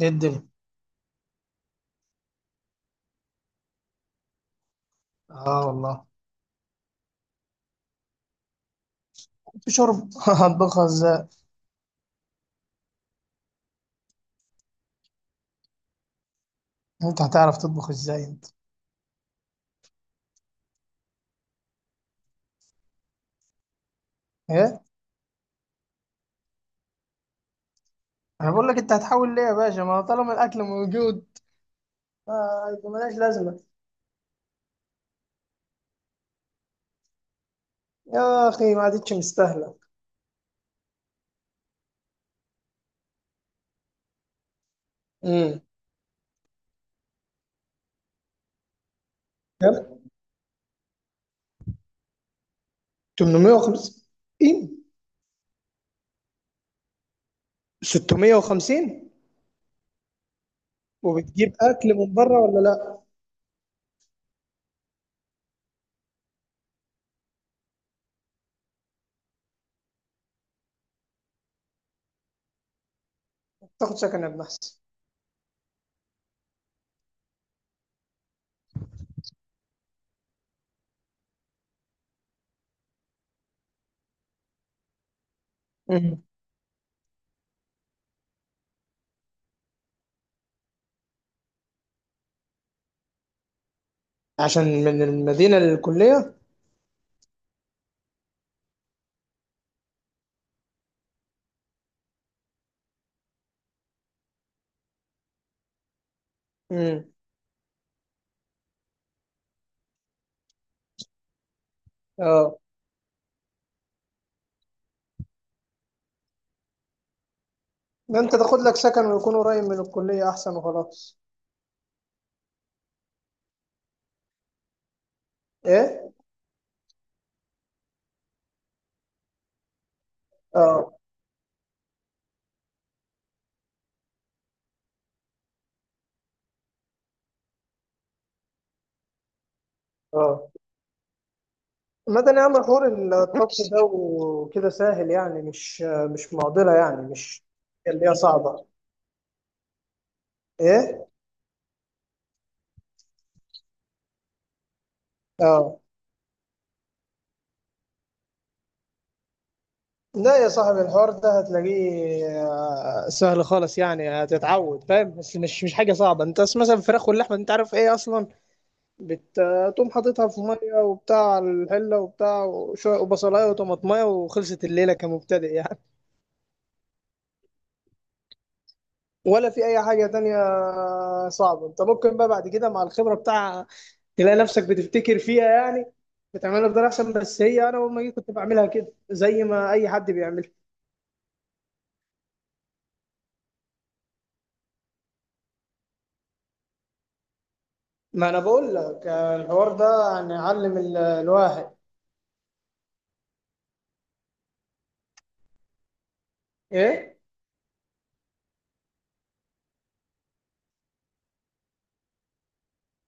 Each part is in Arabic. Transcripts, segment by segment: ايه الدنيا؟ اه والله. في شرب هطبخها ازاي. انت هتعرف تطبخ ازاي انت؟ ايه. انا بقول لك انت هتحاول ليه يا باشا ما طالما الاكل موجود. آه يبقى ملهاش لازمه. يا اخي ما عادتش مستاهله. امم. كم؟ 850؟ 650؟ وبتجيب اكل من بره ولا لا؟ تاخد سكن يا ابن احسن. امم. عشان من المدينه للكليه. امم. اه. ده انت تاخد لك سكن ويكون قريب من الكليه احسن وخلاص. ايه. اه. اه. مدى يا عم حوار. الطبخ ده وكده سهل يعني مش معضلة يعني مش. اللي هي صعبة. ايه. اه. لا يا صاحبي الحوار ده هتلاقيه سهل خالص يعني هتتعود فاهم، بس مش حاجة صعبة. انت بس مثلا الفراخ واللحمة انت عارف ايه اصلا؟ بتقوم حاططها في مية وبتاع على الحلة وبتاع وشوية وبصلاية وطماطمية وخلصت الليلة كمبتدئ يعني، ولا في اي حاجة تانية صعبة. انت ممكن بقى بعد كده مع الخبرة بتاع تلاقي نفسك بتفتكر فيها يعني، بتعملها بطريقه احسن. بس هي انا اول ما جيت كنت بعملها كده زي ما اي حد بيعملها. ما انا بقول لك الحوار ده يعني علم الواحد. ايه.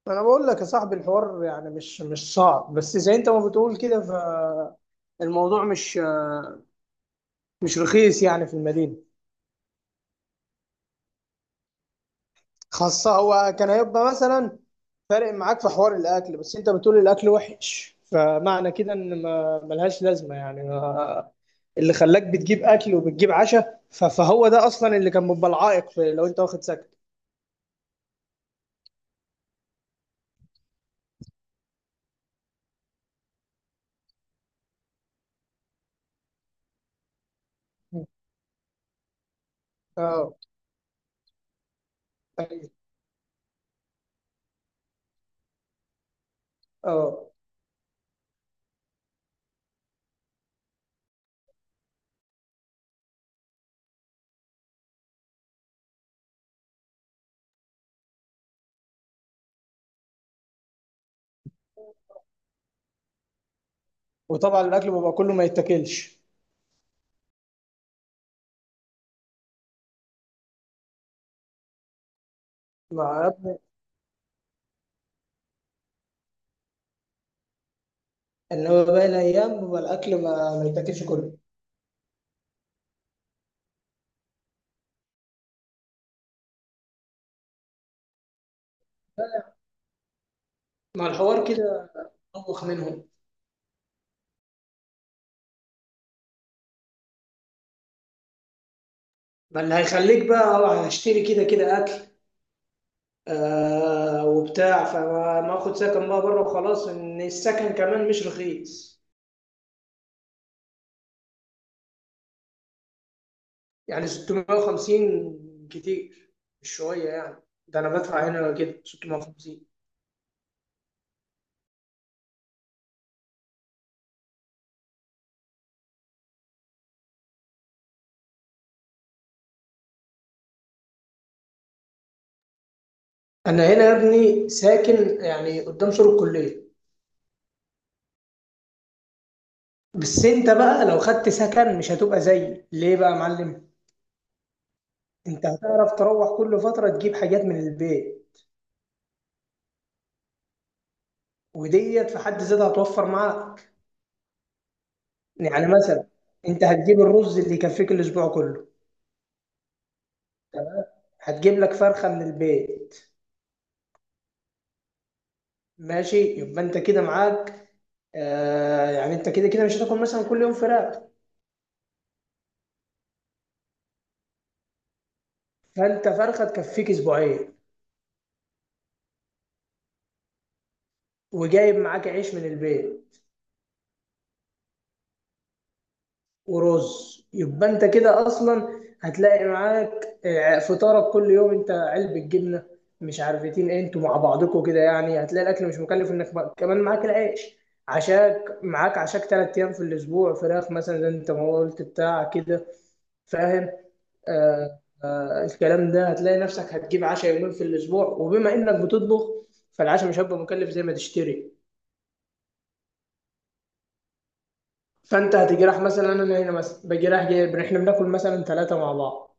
ما انا بقول لك يا صاحبي الحوار يعني مش صعب بس زي انت ما بتقول كده. فالموضوع مش رخيص يعني في المدينه، خاصه هو كان هيبقى مثلا فارق معاك في حوار الاكل. بس انت بتقول الاكل وحش، فمعنى كده ان ما ملهاش لازمه يعني. ما اللي خلاك بتجيب اكل وبتجيب عشاء فهو ده اصلا اللي كان بيبقى العائق في لو انت واخد سكن. اه. أيوة. اه. وطبعا الاكل بيبقى كله ما يتاكلش. مع ربنا. ان هو باقي الايام بيبقى الاكل ما يتاكلش كله. مع الحوار كده طبخ منهم. ما اللي هيخليك بقى هشتري كده كده اكل وبتاع، فما ما اخد سكن بقى بره وخلاص. ان السكن كمان مش رخيص يعني. 650 كتير، مش شويه يعني. ده انا بدفع هنا كده 650. انا هنا يا ابني ساكن يعني قدام سور الكليه، بس انت بقى لو خدت سكن مش هتبقى زيي ليه بقى يا معلم. انت هتعرف تروح كل فتره تجيب حاجات من البيت، وديت في حد ذاتها هتوفر معاك. يعني مثلا انت هتجيب الرز اللي يكفيك الاسبوع كله، هتجيب لك فرخة من البيت. ماشي يبقى انت كده معاك. آه يعني انت كده كده مش هتاكل مثلا كل يوم فراخ، فانت فرخة تكفيك اسبوعين، وجايب معاك عيش من البيت ورز يبقى انت كده اصلا هتلاقي معاك فطارك كل يوم انت علبة جبنة، مش عارفتين ايه انتوا مع بعضكم كده، يعني هتلاقي الاكل مش مكلف انك كمان معاك العيش، عشاك معاك، عشاك تلات ايام في الاسبوع فراخ مثلا زي انت ما قلت بتاع كده. فاهم؟ آه الكلام ده هتلاقي نفسك هتجيب عشاء يومين في الاسبوع، وبما انك بتطبخ فالعشاء مش هيبقى مكلف زي ما تشتري. فانت هتجي رايح مثلا، انا هنا مثلا باجي رايح جايب، احنا بناكل مثلا ثلاثة مع بعض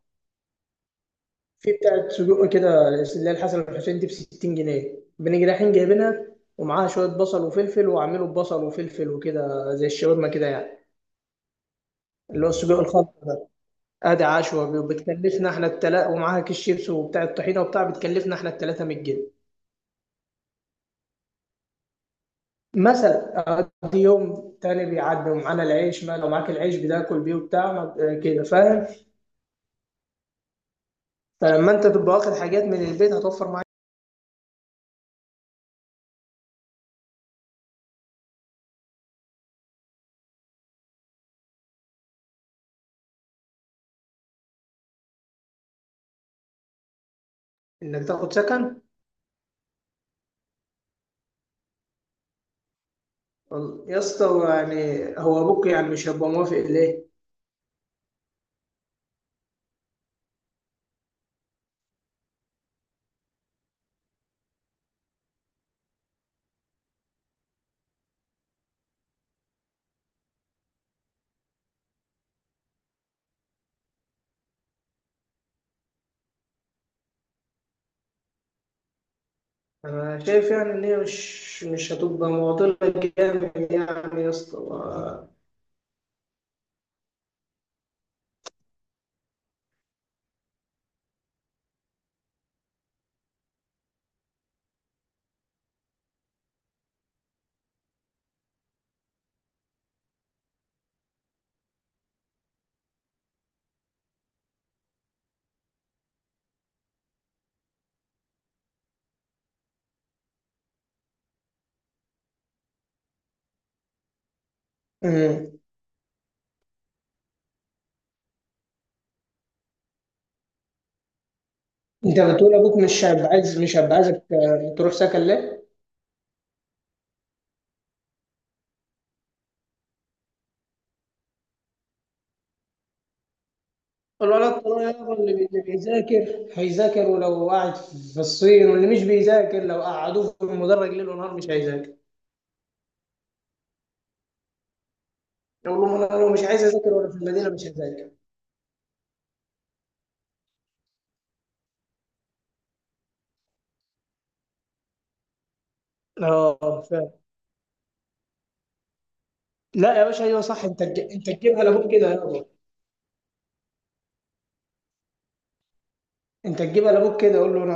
في بتاعة سجق كده اللي هي الحسن والحسين دي ب 60 جنيه، بنيجي رايحين جايبينها ومعاها شوية بصل وفلفل، وعامله ببصل وفلفل وكده زي الشاورما كده يعني، اللي هو السجق الخلط ده. ادي عشوة بتكلفنا احنا التلا، ومعاها كيس شيبس وبتاع الطحينة وبتاع بتكلفنا احنا التلاتة 100 جنيه مثلا. ادي يوم تاني بيعدي ومعانا العيش، ما لو معاك العيش بتاكل بيه وبتاع كده فاهم. فلما انت تبقى واخد حاجات من البيت هتوفر معاك انك تاخد سكن. يا اسطى هو يعني هو ابوك يعني مش هيبقى موافق ليه؟ أنا شايف يعني إن هي مش هتبقى معضلة جامد يعني يا اسطى امم. انت بتقول ابوك مش هيبقى عايز، مش هيبقى عايزك تروح سكن ليه؟ الولد طلع يابا، اللي اللي بيذاكر هيذاكر ولو قاعد في الصين، واللي مش بيذاكر لو قعدوه في المدرج ليل ونهار مش هيذاكر. يقول لهم انا لو مش عايز اذاكر وانا في المدينه مش هذاكر. اه فعلا. لا يا باشا ايوه صح، انت انت تجيبها لابوك كده يابا. انت تجيبها لابوك كده، قول له.